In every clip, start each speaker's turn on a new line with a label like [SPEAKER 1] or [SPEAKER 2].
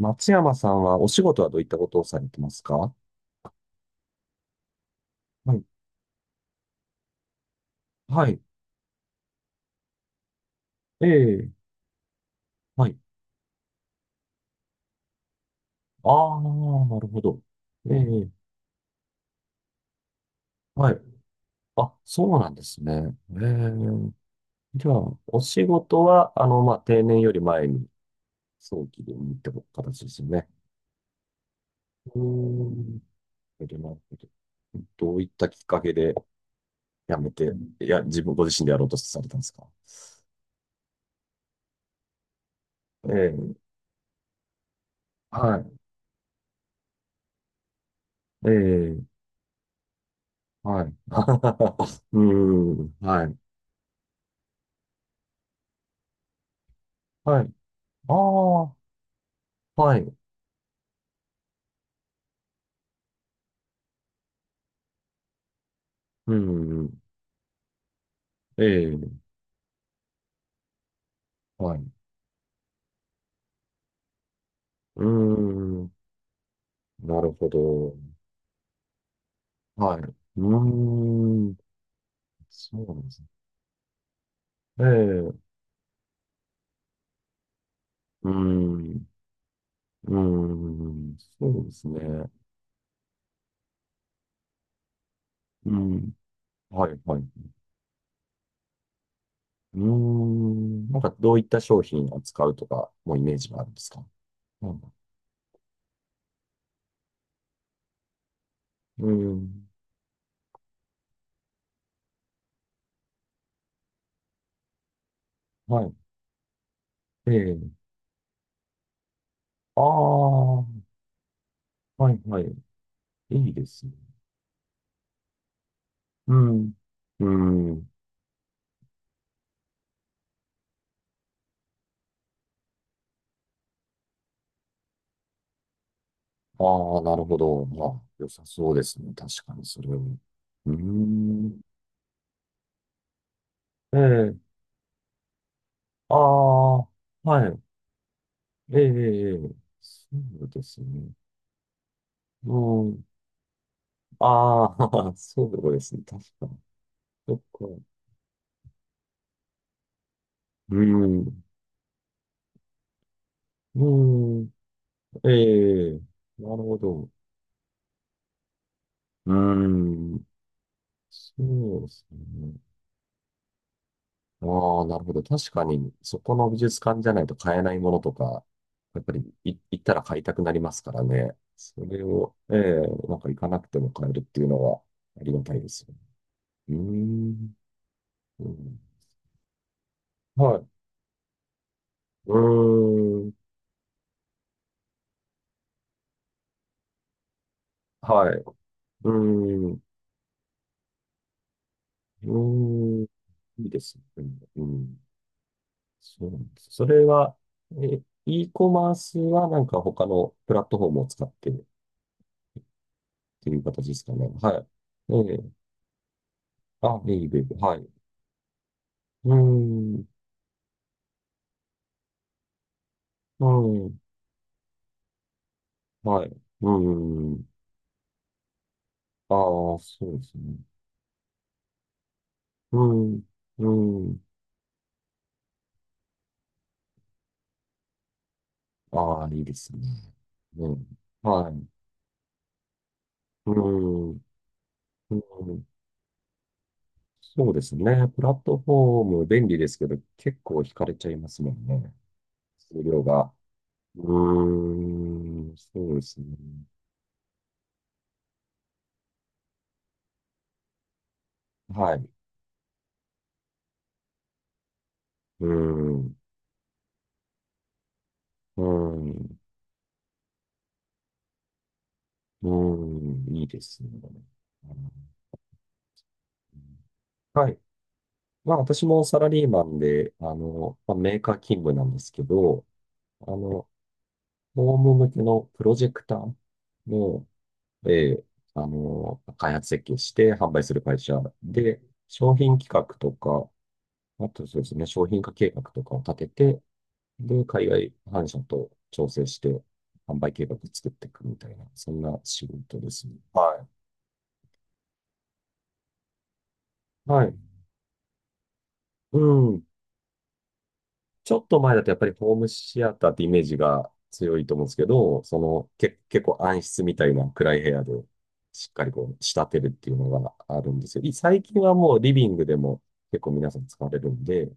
[SPEAKER 1] 松山さんはお仕事はどういったことをされてますか？はい。はい。ええ。はい。ああ、なるほど。ええ。はい。あ、そうなんですね。ええ。じゃあ、お仕事は、まあ、定年より前に早期でにって形ですよね。うーん。なるほど。どういったきっかけで辞めて、いや、自分ご自身でやろうとされたんですか？ええ。はい。ええ。はい。うーん。はい。はい。ああ、はい。うん、うん。ええ、はい。うーん、なるほど。はい。うーん、そうなんですね。ええ、うーん、うーん、そうですね。うん、はい、はい。うーん、なんかどういった商品を扱うとか、もうイメージがあるんですか？うん、うーん、はい。ええ、ああ、はい、はい。いいですね。うん、うーん。ああ、なるほど。まあ、良さそうですね。確かに、それは。うーん。ええ、ああ、はい。ええ、ええ、そうですね。うん。ああ、そうですね。確かに。そっか。うん。うん。ええ、なるほど。うん。そうですね。ああ、なるほど。確かに、そこの美術館じゃないと買えないものとか、やっぱり行ったら買いたくなりますからね。それを、ええ、なんか行かなくても買えるっていうのはありがたいですよね。うーん。うん、はい。うーん。はい。うーん。うーん。いいですね。うん。そうなんです。それは、え、e コマースはなんか他のプラットフォームを使ってっていう形ですかね。はい。ええ、あ、いい、いい、いい、はい。うん、うん、はい、うん。ああ、そうですね。うん、うん。ああ、いいですね。うん、はい、うん、うん。そうですね。プラットフォーム便利ですけど、結構惹かれちゃいますもんね。数量が。うーん、そうですね。はい。うん、うん、うん、いいですね。うん、はい、まあ私もサラリーマンで、あの、まあ、メーカー勤務なんですけど、あの、ホーム向けのプロジェクターの、えー開発設計して販売する会社で、商品企画とか、あとそうですね、商品化計画とかを立てて、で、海外販社と調整して、販売計画作っていくみたいな、そんな仕事ですね。はい。はい。うん、ちょっと前だとやっぱりホームシアターってイメージが強いと思うんですけど、そのけ、結構暗室みたいな暗い部屋でしっかりこう仕立てるっていうのがあるんですよ。最近はもうリビングでも結構皆さん使われるんで、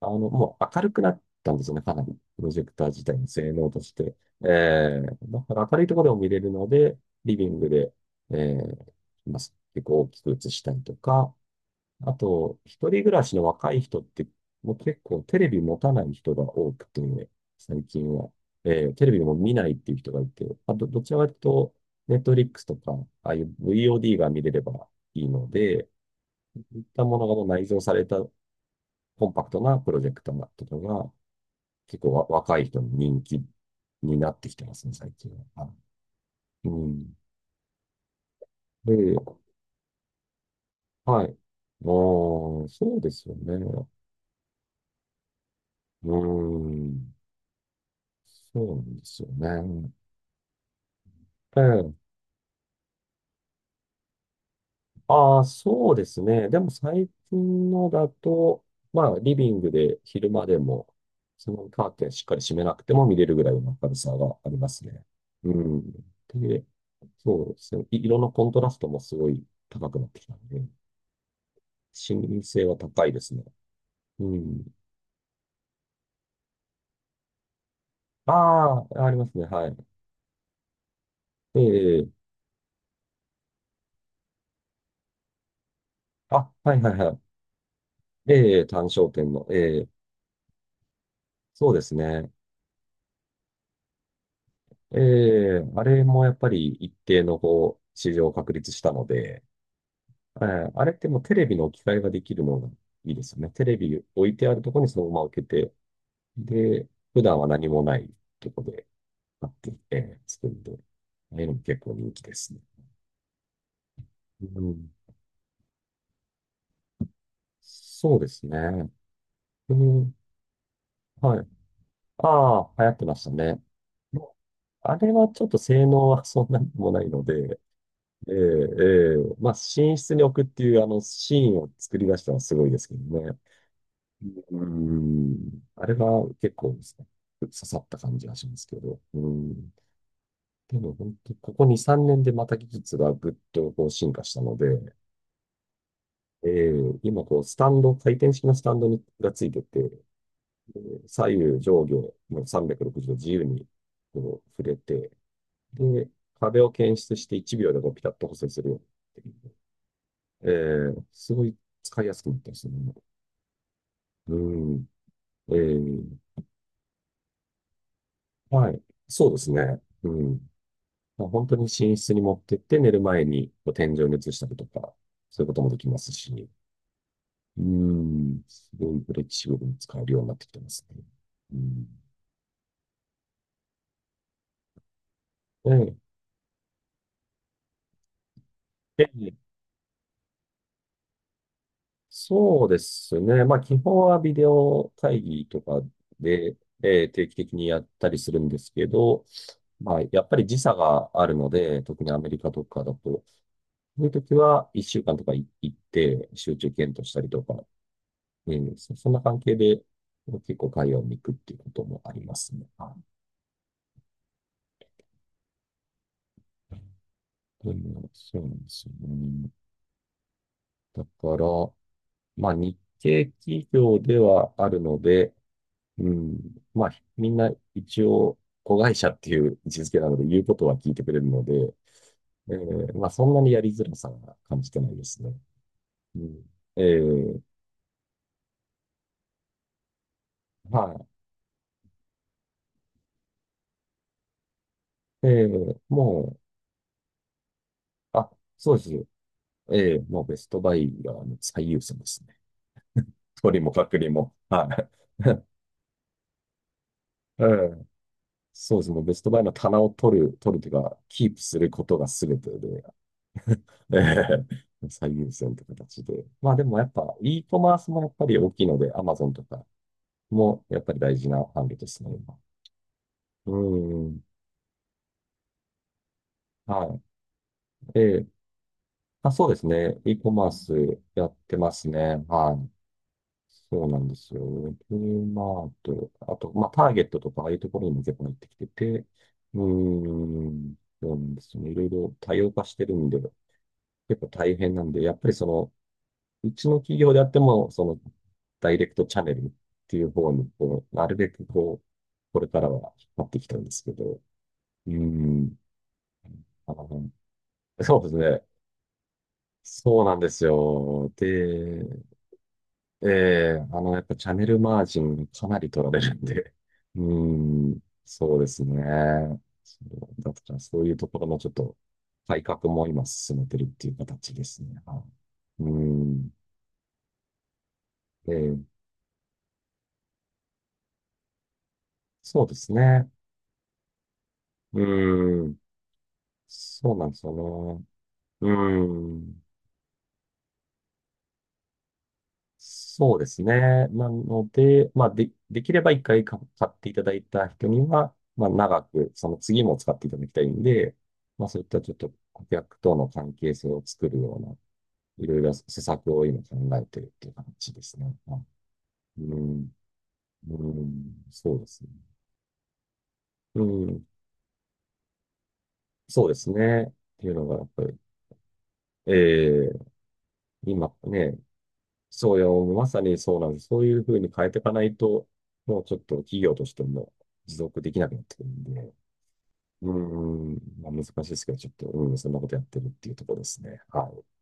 [SPEAKER 1] あの、もう明るくなったんですよね、かなり。プロジェクター自体の性能として。だから明るいところでも見れるので、リビングで、えー、まあ結構大きく映したりとか、あと、一人暮らしの若い人って、もう結構テレビ持たない人が多くて、最近は。テレビも見ないっていう人がいて、あと、どちらかというと、ネットフリックスとか、ああいう VOD が見れればいいので、そういったものがもう内蔵されたコンパクトなプロジェクターとかが、結構若い人に人気になってきてますね、最近は。はい。うん。で、はい。あー、そうですよね。うーん。そうなんですよね。ええ。ああ、そうですね。でも最近のだと、まあ、リビングで昼間でも、そのカーテンしっかり閉めなくても見れるぐらいの明るさがありますね。うん。で、そうですね。色のコントラストもすごい高くなってきたんで、視認性は高いですね。うん。ああ、ありますね。はい。ええ、あ、はいはいはい。ええ、単焦点の。ええ、そうですね。ええ、あれもやっぱり一定のこう、市場を確立したので、ええ、あれってもうテレビの置き換えができるのがいいですよね。テレビ置いてあるところにそのまま置けて、で、普段は何もないところで買ってきて、作るんで、ああいうのも結構人気ですね。うん、そうですね。うん、はい。ああ、流行ってましたね。あれはちょっと性能はそんなにもないので、ええ、ええ、まあ、寝室に置くっていう、あの、シーンを作り出したのはすごいですけどね。うん。あれは結構ですね、刺さった感じがしますけど。うん。でも、本当ここ2、3年でまた技術がぐっとこう進化したので、ええ、今、こう、スタンド、回転式のスタンドにがついてて、左右、上下、もう360度自由にこう触れて、で、壁を検出して1秒でこうピタッと補正するようになってる。すごい使いやすくなったりすね。うん。えー、はい。そうですね。うん。まあ、本当に寝室に持ってって寝る前にこう天井に移したりとか、そういうこともできますし、うん。すごいフレキシブルに使えるようになってきてますね。うん。えで、そうですね。まあ、基本はビデオ会議とかで、定期的にやったりするんですけど、まあ、やっぱり時差があるので、特にアメリカとかだと、そういう時は、一週間とか行って、集中検討したりとか、そんな関係で、結構海外に行くっていうこともありますね。はい。というそうなんですよね。だから、まあ、日系企業ではあるので、うん、まあ、みんな一応、子会社っていう位置づけなので、言うことは聞いてくれるので、まあ、そんなにやりづらさは感じてないですね。うん、えーはい。もう、あ、そうです。ええ、もうベストバイがあの最優先ですね。取りも隔離も。はい。うん、そうですね。ベストバイの棚を取るというか、キープすることが全てで、ええ、最優先という形で。まあでもやっぱ、e コマースもやっぱり大きいので、Amazon とかもやっぱり大事な販路ですね、今。うん。はい。ええ。あ、そうですね。e コマースやってますね。はい。そうなんですよね。フリーマート、あと、まあ、ターゲットとか、ああいうところにも結構入ってきてて、うーん、そうなんですよね。いろいろ多様化してるんで、結構大変なんで、やっぱりその、うちの企業であっても、その、ダイレクトチャンネルっていう方に、こう、なるべくこう、これからは引っ張ってきたんですけど、うーん、あの、そうですね。そうなんですよ。で、ええ、あの、やっぱチャンネルマージンかなり取られるんで、うーん、そうですね。そうだからそういうところのちょっと改革も今進めてるっていう形ですね。はい、うーん、ええ、そうですね。うーん、そうなんですよね。うーん。そうですね。なので、まあ、で、できれば一回か買っていただいた人には、まあ、長く、その次も使っていただきたいんで、まあ、そういったちょっと顧客との関係性を作るような、いろいろ施策を今考えてるっていう感じですね。はい、うん、うん、そうですね。うん、そうですね。っていうのが、やっぱり、ええ、今ね、そうよ、まさにそうなんです。そういうふうに変えていかないと、もうちょっと企業としても持続できなくなってくるんで、うーん、まあ、難しいですけど、ちょっと、うん、そんなことやってるっていうところですね。はい。